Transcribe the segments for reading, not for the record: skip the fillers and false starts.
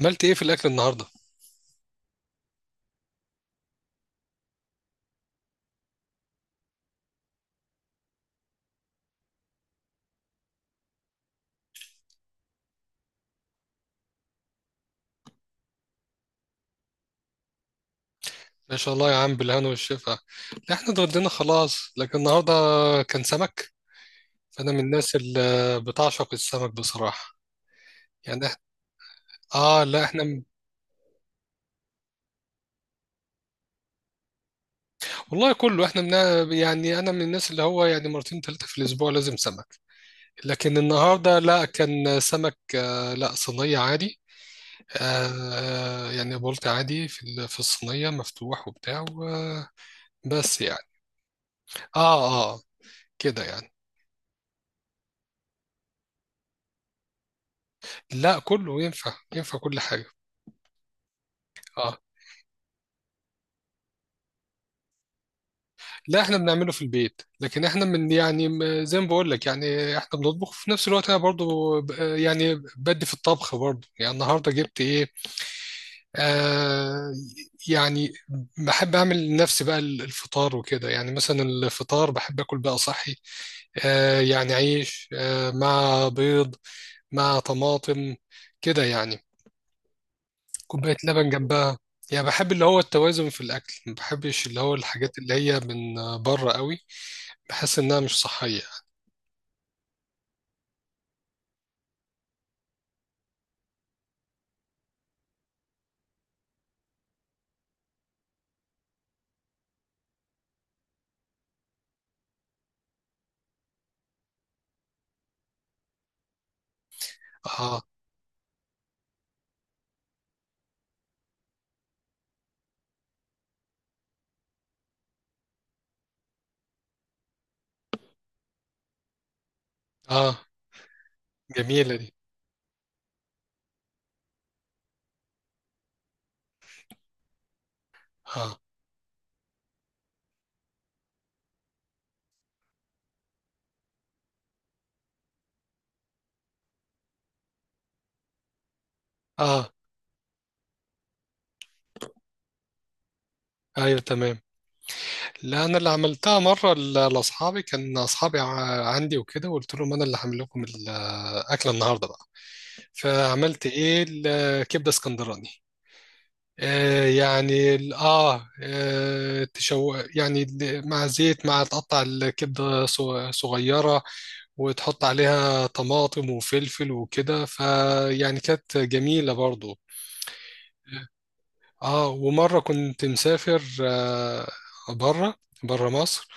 عملت ايه في الاكل النهارده؟ ما شاء الله يا عم، بالهنا والشفا. لا، احنا اتغدينا خلاص، لكن النهارده كان سمك. فانا من الناس اللي بتعشق السمك بصراحه. يعني اه، لا احنا. والله، كله احنا منا، يعني انا من الناس اللي هو يعني مرتين ثلاثه في الاسبوع لازم سمك. لكن النهارده لا، كان سمك، لا، صينيه عادي. يعني بولت عادي في في الصينيه مفتوح وبتاع بس يعني. اه، اه، كده يعني. لا، كله ينفع ينفع كل حاجه. آه. لا، احنا بنعمله في البيت، لكن احنا من يعني زي ما بقول لك، يعني احنا بنطبخ في نفس الوقت. انا برضو يعني بدي في الطبخ برضو. يعني النهارده جبت ايه؟ آه يعني بحب اعمل لنفسي بقى الفطار وكده. يعني مثلا الفطار بحب اكل بقى صحي. يعني عيش، مع بيض، مع طماطم، كده يعني. كوباية لبن جنبها. يعني بحب اللي هو التوازن في الاكل، ما بحبش اللي هو الحاجات اللي هي من بره قوي. بحس انها مش صحية. اه، اه. جميلة دي. اه، اه، ايوه، تمام. لا، انا اللي عملتها مره لاصحابي. كان اصحابي عندي وكده، وقلت لهم انا اللي هعمل لكم الاكله النهارده بقى. فعملت ايه؟ الكبده اسكندراني. يعني تشو، يعني مع زيت، مع تقطع الكبده صغيره، وتحط عليها طماطم وفلفل وكده. فيعني كانت جميله برضو. اه. ومرة كنت مسافر، بره بره مصر،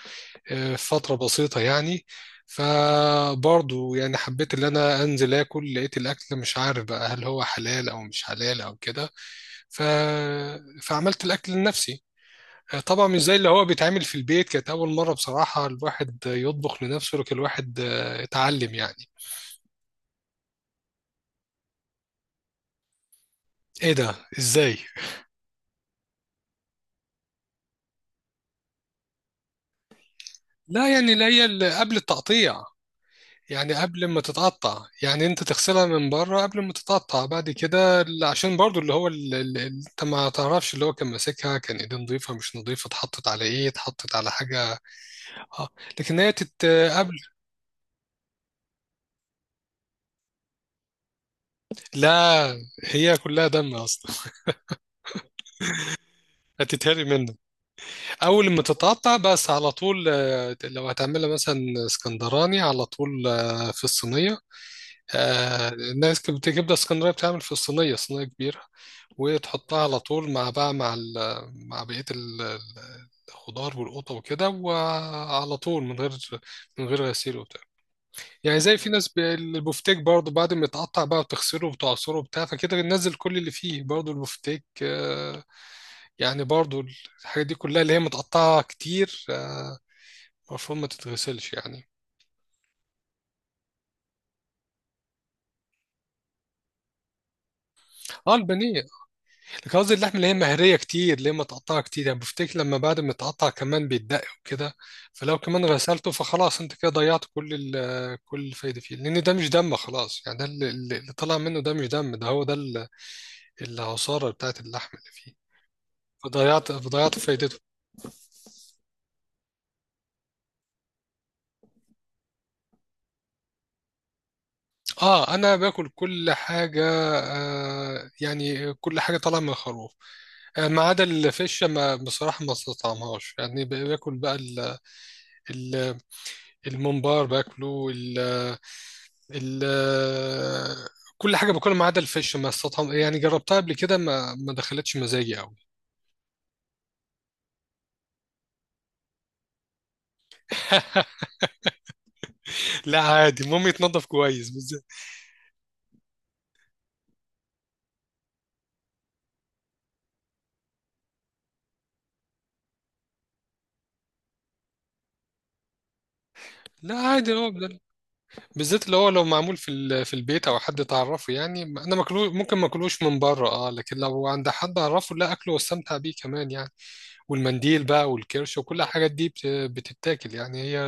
فترة بسيطة يعني. فبرضو يعني حبيت ان انا انزل اكل، لقيت الاكل مش عارف بقى هل هو حلال او مش حلال او كده. ف... فعملت الاكل لنفسي. طبعا مش زي اللي هو بيتعمل في البيت. كانت اول مرة بصراحة الواحد يطبخ لنفسه، لكن الواحد اتعلم يعني. ايه ده؟ ازاي؟ لا، يعني اللي هي اللي قبل التقطيع. يعني قبل ما تتقطع، يعني انت تغسلها من بره قبل ما تتقطع. بعد كده عشان برضو اللي هو انت ما تعرفش اللي هو كان ماسكها، كان ايديه نظيفة مش نظيفة، اتحطت على ايه، اتحطت على حاجة. اه. لكن هي قبل. لا، هي كلها دم اصلا. هتتهري منك. اول ما تتقطع، بس على طول، لو هتعملها مثلا اسكندراني، على طول في الصينية. الناس كانت بتجيب لها اسكندريه، بتعمل في الصينيه صينيه كبيره، وتحطها على طول، مع بقيه الخضار والقطه وكده، وعلى طول من غير غسيل وبتاع. يعني زي في ناس، البفتيك برضه بعد ما يتقطع بقى وتغسله وتعصره وبتاع، فكده بننزل كل اللي فيه برضه البفتيك يعني برضه. الحاجات دي كلها اللي هي متقطعه كتير، المفروض ما تتغسلش يعني. اه، البانيه. لكن قصدي اللحمة اللي هي مهرية كتير، اللي هي متقطعة كتير. يعني بفتكر لما بعد ما يتقطع كمان بيتدق وكده، فلو كمان غسلته فخلاص انت كده ضيعت كل الفايدة فيه، لأن ده مش دم خلاص. يعني اللي طلع منه ده مش دم. ده هو ده العصارة بتاعت اللحم اللي فيه. فضيعت فايدته. اه، انا باكل كل حاجه. يعني كل حاجه طالعه من الخروف. ما عدا الفشه، ما بصراحه ما استطعمهاش. يعني باكل بقى ال- الممبار باكله. ال- كل حاجه باكلها ما عدا الفش، ما استطعم. يعني جربتها قبل كده، ما دخلتش مزاجي قوي. لا، عادي، المهم يتنضف كويس بالذات. لا، عادي، هو بالذات اللي هو لو معمول في في البيت او حد تعرفه. يعني انا ماكلوش، ممكن ما اكلوش من بره اه، لكن لو عند حد اعرفه لا، اكله واستمتع بيه كمان يعني. والمنديل بقى والكرش وكل الحاجات دي بتتاكل يعني. هي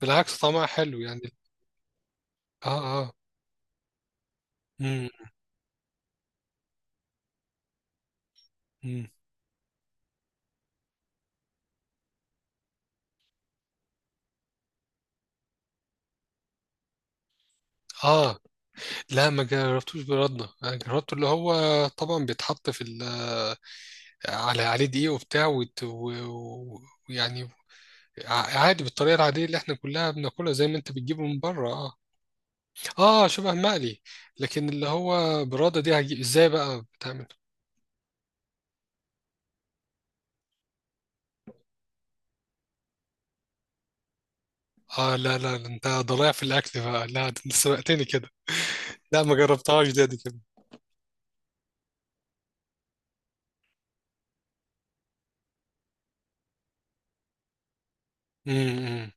بالعكس طعمها حلو يعني. اه، اه. امم، امم. اه، لا ما جربتوش برده. انا جربته اللي هو طبعا بيتحط في ال آه، عليه دقيق وبتاع، و- ويعني، عادي بالطريقه العاديه اللي احنا كلها بناكلها، زي ما انت بتجيبه من بره اه. اه، شبه مقلي. لكن اللي هو براده دي هجيب ازاي بقى؟ بتعمل اه. لا، لا، ده انت ضايع في الاكل بقى. لا، ده انت سبقتني كده. لا ما جربتهاش دي، دي كده. امم، إمم.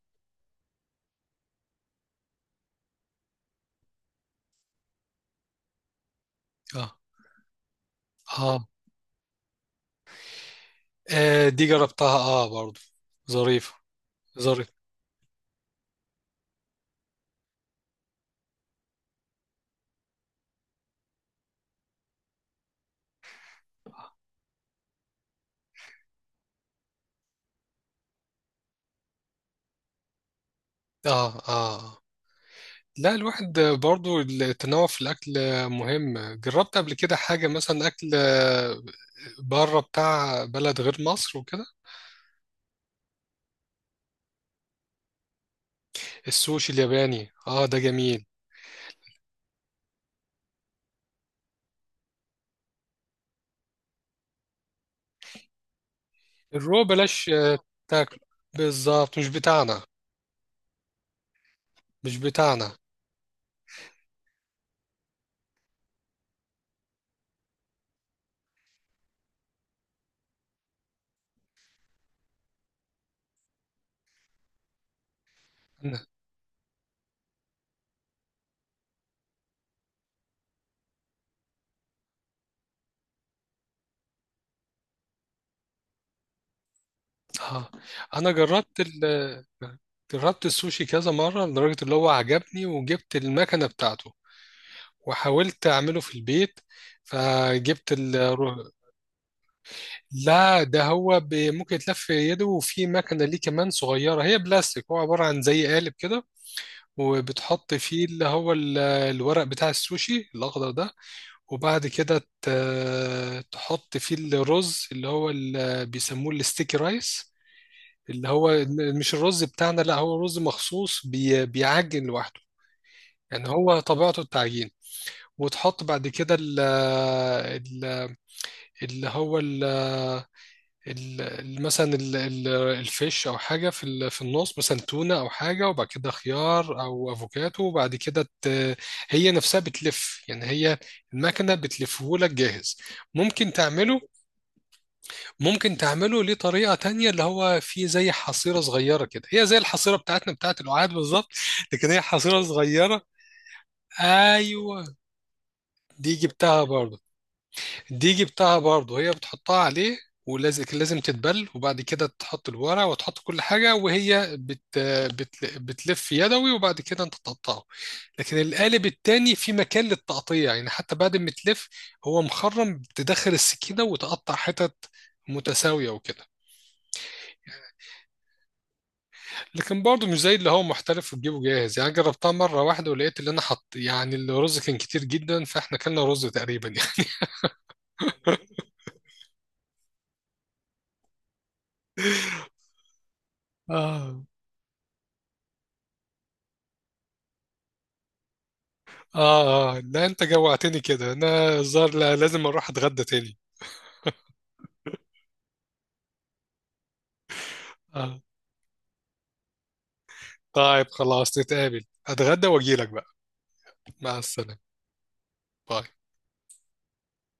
اه، اه. دي جربتها اه برضه. ظريفه. ظريفه. اه، اه، آه. لا، الواحد برضو، التنوع في الأكل مهم. جربت قبل كده حاجة مثلا أكل بره بتاع بلد غير مصر وكده. السوشي الياباني، ده جميل. الرو بلاش تاكل، بالظبط مش بتاعنا، مش بتاعنا. اه، أنا جربت جربت السوشي كذا مرة لدرجة اللي هو عجبني، وجبت المكنة بتاعته وحاولت أعمله في البيت. فجبت لا، ده هو ممكن يتلف يده، وفي مكنة ليه كمان صغيرة هي بلاستيك. هو عبارة عن زي قالب كده، وبتحط فيه اللي هو الورق بتاع السوشي الأخضر ده. وبعد كده تحط فيه الرز اللي هو بيسموه الستيكي رايس. اللي هو مش الرز بتاعنا، لا هو رز مخصوص بيعجن لوحده. يعني هو طبيعته التعجين. وتحط بعد كده ال- اللي هو مثلا الفيش او حاجه في في النص، مثلا تونه او حاجه، وبعد كده خيار او افوكاتو، وبعد كده هي نفسها بتلف. يعني هي المكنه بتلفه لك جاهز. ممكن تعمله. ممكن تعمله ليه طريقه تانية، اللي هو في زي حصيره صغيره كده، هي زي الحصيره بتاعتنا بتاعت القعاد بالظبط، لكن هي حصيره صغيره. ايوه. دي جبتها برضه. الديجي بتاعها برضه هي بتحطها عليه. ولازم، لازم تتبل، وبعد كده تحط الورق وتحط كل حاجة، وهي بت بت بتلف يدوي، وبعد كده انت تقطعه. لكن القالب التاني في مكان للتقطيع، يعني حتى بعد ما تلف هو مخرم، تدخل السكينة وتقطع حتت متساوية وكده. لكن برضه مش زي اللي هو محترف وتجيبه جاهز. يعني جربتها مرة واحدة، ولقيت اللي انا حط يعني الرز كان كتير جدا، فاحنا كلنا رز تقريبا يعني. آه، آه، لا أنت جوعتني كده. أنا الظاهر لا، لازم أروح أتغدى تاني. آه، طيب خلاص نتقابل، أتغدى وأجيلك بقى. مع السلامة. باي.